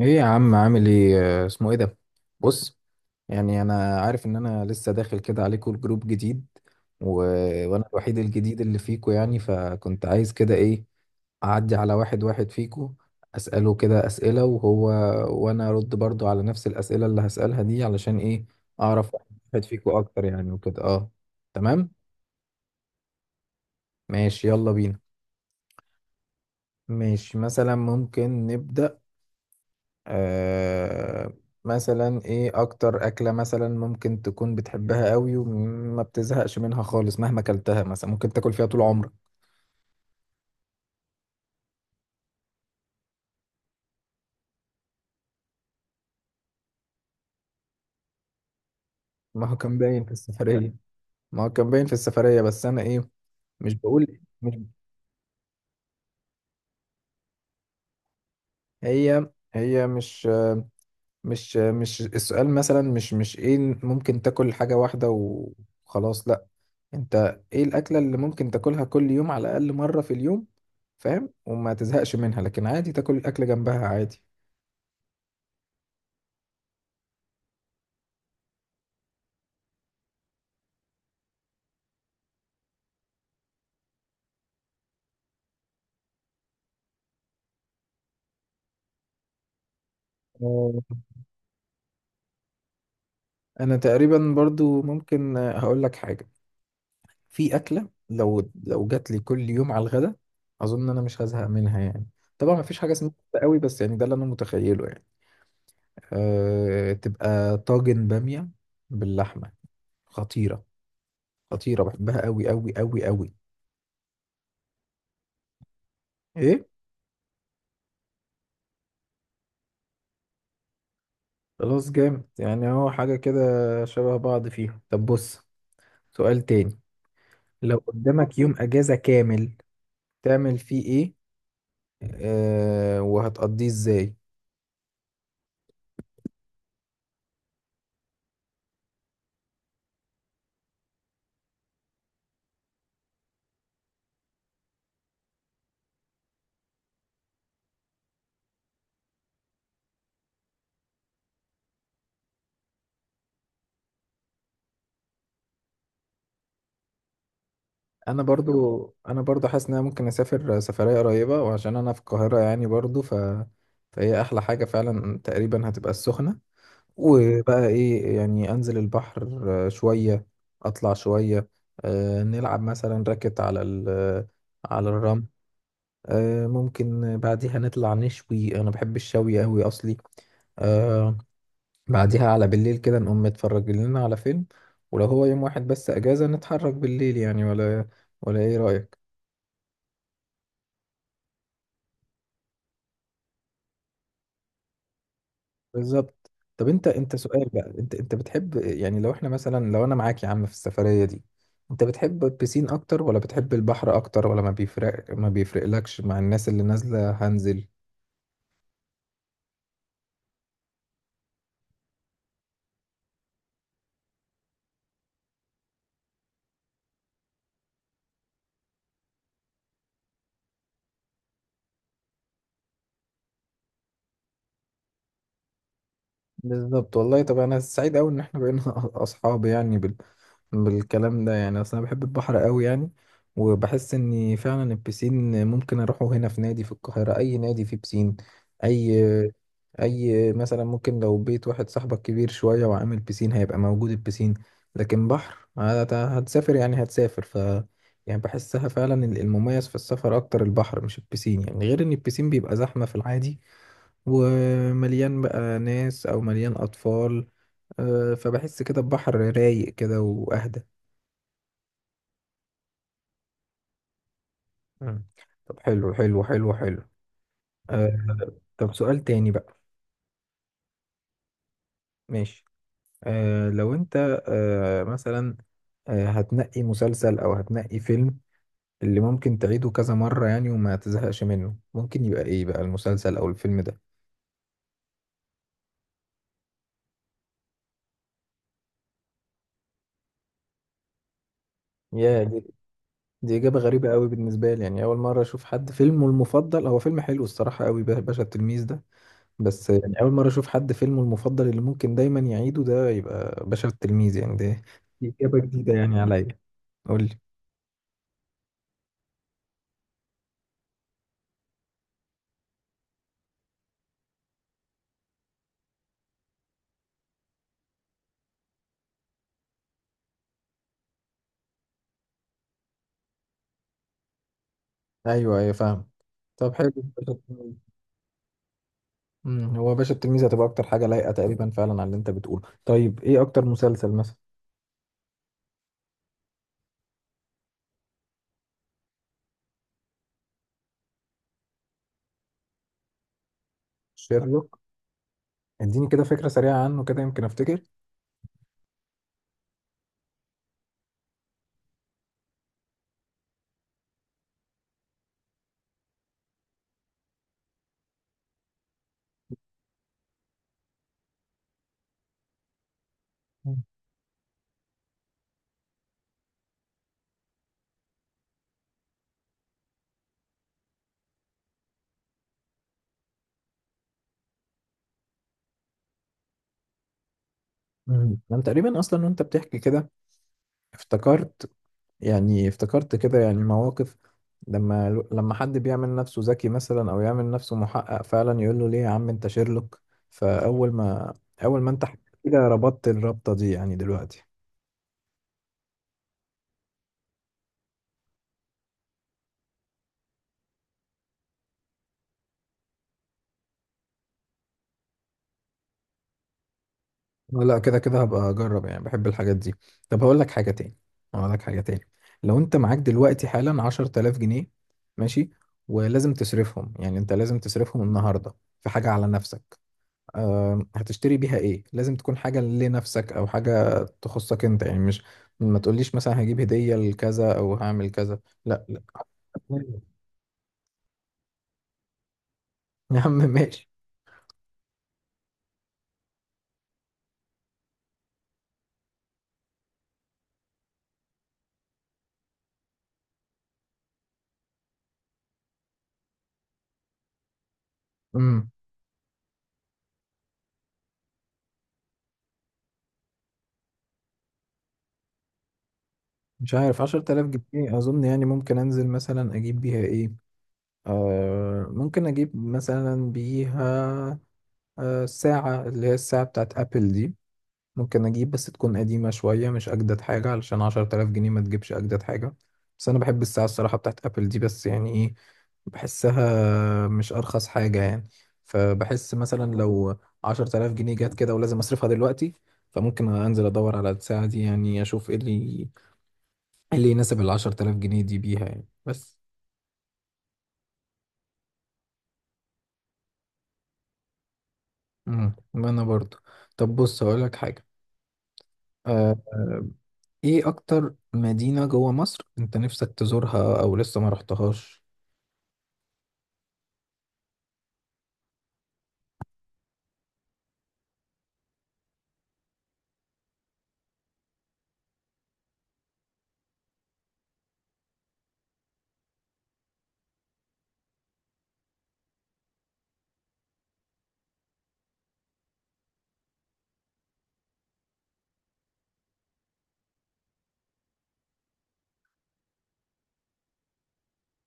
ايه يا عم، عامل ايه؟ اسمه ايه ده؟ بص، يعني انا عارف ان انا لسه داخل كده عليكم، الجروب جديد. و... وانا الوحيد الجديد اللي فيكو، يعني فكنت عايز كده ايه، اعدي على واحد واحد فيكو، اساله كده اسئله، وهو وانا ارد برضو على نفس الاسئله اللي هسالها دي، علشان ايه؟ اعرف واحد فيكو اكتر يعني، وكده. اه، تمام. ماشي، يلا بينا. ماشي، مثلا ممكن نبدا. آه مثلا ايه اكتر اكلة مثلا ممكن تكون بتحبها قوي وما بتزهقش منها خالص مهما اكلتها، مثلا ممكن تاكل فيها طول عمرك؟ ما هو كان باين في السفرية. ما هو كان باين في السفرية بس انا ايه، مش بقول، مش هي هي، مش السؤال، مثلا مش ايه، ممكن تاكل حاجة واحدة وخلاص، لا. انت ايه الاكلة اللي ممكن تاكلها كل يوم على الاقل مرة في اليوم، فاهم، وما تزهقش منها، لكن عادي تاكل الاكل جنبها؟ عادي. انا تقريبا برضو ممكن، هقول لك حاجه، في اكله لو جات لي كل يوم على الغدا، اظن انا مش هزهق منها يعني. طبعا ما فيش حاجه اسمها كده قوي، بس يعني ده اللي انا متخيله يعني. أه، تبقى طاجن باميه باللحمه. خطيره. خطيره، بحبها قوي قوي قوي قوي. ايه. خلاص، جامد، يعني هو حاجه كده شبه بعض فيها. طب بص، سؤال تاني. لو قدامك يوم اجازه كامل، تعمل فيه ايه؟ أه، وهتقضيه ازاي؟ انا برضو انا برضو حاسس ان انا ممكن اسافر سفريه قريبه، وعشان انا في القاهره يعني برضو، فهي احلى حاجه فعلا، تقريبا هتبقى السخنه. وبقى ايه، يعني انزل البحر شويه، اطلع شويه، نلعب مثلا راكت على على الرمل. ممكن بعديها نطلع نشوي، انا بحب الشوي قوي اصلي. آه، بعديها على بالليل كده نقوم نتفرج لنا على فيلم، ولو هو يوم واحد بس اجازه نتحرك بالليل يعني. ولا ايه رايك؟ بالظبط. طب انت انت سؤال بقى، انت انت بتحب، يعني لو احنا مثلا، لو انا معاك يا عم في السفرية دي، انت بتحب البسين اكتر ولا بتحب البحر اكتر، ولا ما بيفرق، ما بيفرقلكش مع الناس اللي نازلة هنزل؟ بالظبط والله. طب انا سعيد قوي ان احنا بقينا اصحاب، يعني بالكلام ده، يعني اصل انا بحب البحر قوي يعني. وبحس ان فعلا البسين ممكن اروحه هنا في نادي في القاهرة، اي نادي فيه بسين، اي، مثلا ممكن لو بيت واحد صاحبك كبير شوية وعامل بيسين، هيبقى موجود البيسين. لكن بحر هتسافر، يعني هتسافر، يعني بحسها فعلا المميز في السفر اكتر البحر مش البيسين، يعني غير ان البيسين بيبقى زحمة في العادي، ومليان بقى ناس او مليان اطفال. فبحس كده البحر رايق كده واهدى. مم. طب حلو حلو حلو حلو. آه، طب سؤال تاني بقى. ماشي. لو انت، آه مثلا آه هتنقي مسلسل او هتنقي فيلم اللي ممكن تعيده كذا مرة يعني وما تزهقش منه، ممكن يبقى ايه بقى المسلسل او الفيلم ده؟ يا دي، دي اجابة غريبة قوي بالنسبة لي، يعني اول مرة اشوف حد فيلمه المفضل هو فيلم، حلو الصراحة قوي، باشا التلميذ ده. بس يعني اول مرة اشوف حد فيلمه المفضل اللي ممكن دايما يعيده ده يبقى باشا التلميذ يعني ده. دي اجابة جديدة يعني عليا. قول لي. ايوه ايوه، فاهم. طب حلو. هو باشا التلميذ هتبقى اكتر حاجه لايقه تقريبا فعلا على اللي انت بتقوله. طيب ايه اكتر مسلسل مثلا؟ شيرلوك. اديني كده فكره سريعه عنه، كده يمكن افتكر. انا تقريبا اصلا وانت بتحكي كده، افتكرت، يعني افتكرت كده يعني مواقف، لما حد بيعمل نفسه ذكي مثلا، او يعمل نفسه محقق، فعلا يقول له ليه يا عم انت شيرلوك. فاول ما اول ما انت حكيت كده ربطت الربطه دي يعني دلوقتي. لا كده كده هبقى اجرب، يعني بحب الحاجات دي. طب هقول لك حاجه تاني، هقول لك حاجه تاني لو انت معاك دلوقتي حالا 10,000 جنيه، ماشي، ولازم تصرفهم، يعني انت لازم تصرفهم النهارده في حاجه على نفسك. أه، هتشتري بيها ايه؟ لازم تكون حاجه لنفسك او حاجه تخصك انت يعني، مش ما تقوليش مثلا هجيب هديه لكذا، او هعمل كذا، لا لا. يا عم ماشي. امم مش عارف، 10,000 جنيه، اظن يعني ممكن انزل مثلا اجيب بيها ايه، آه ممكن أجيب مثلا بيها، آه، ساعة، اللي هي الساعة بتاعت أبل دي. ممكن أجيب بس تكون قديمة شوية، مش أجدد حاجة، علشان 10,000 جنيه ما تجيبش أجدد حاجة. بس أنا بحب الساعة الصراحة بتاعت أبل دي، بس يعني إيه، بحسها مش أرخص حاجة يعني. فبحس مثلا لو 10,000 جنيه جت كده، ولازم أصرفها دلوقتي، فممكن أنزل أدور على الساعة دي، يعني أشوف إيه اللي يناسب الـ10,000 جنيه دي بيها يعني، بس. مم. أنا برضو. طب بص، هقولك حاجة. آه، ايه اكتر مدينة جوه مصر انت نفسك تزورها او لسه ما رحتهاش؟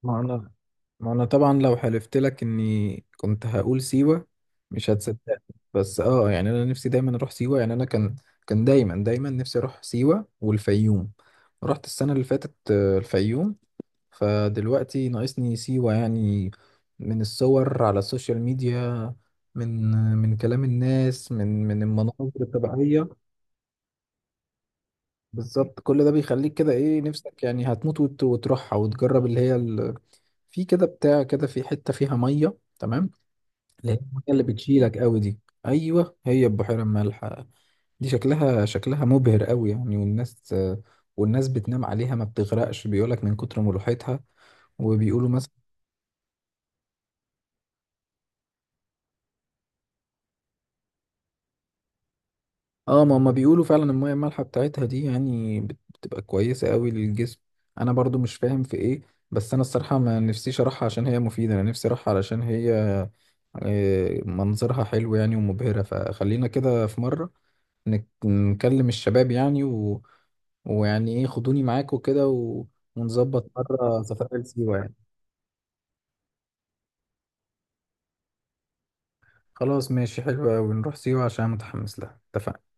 ما انا ما انا طبعا لو حلفت لك اني كنت هقول سيوة مش هتصدق. بس اه يعني انا نفسي دايما اروح سيوة، يعني انا كان دايما دايما نفسي اروح سيوة والفيوم. رحت السنة اللي فاتت الفيوم، فدلوقتي ناقصني سيوة يعني. من الصور على السوشيال ميديا، من من كلام الناس، من المناظر الطبيعية. بالظبط، كل ده بيخليك كده ايه، نفسك يعني هتموت وتروحها وتجرب اللي هي في كده بتاع كده، في حتة فيها مية، تمام، اللي هي المية اللي بتشيلك قوي دي. ايوه، هي البحيرة المالحة. دي شكلها شكلها مبهر قوي يعني، والناس، والناس بتنام عليها ما بتغرقش، بيقولك من كتر ملوحتها، وبيقولوا. اه، ما هما بيقولوا فعلا المية المالحة بتاعتها دي يعني بتبقى كويسة قوي للجسم. انا برضو مش فاهم في ايه، بس انا الصراحة ما نفسيش اروحها عشان هي مفيدة، انا نفسي اروحها علشان هي منظرها حلو يعني ومبهرة. فخلينا كده في مرة نكلم الشباب يعني، ويعني ايه، خدوني معاكوا كده، ونظبط مرة سفرية لسيوة يعني. خلاص ماشي، حلو قوي، نروح سيوة عشان متحمس لها، اتفقنا.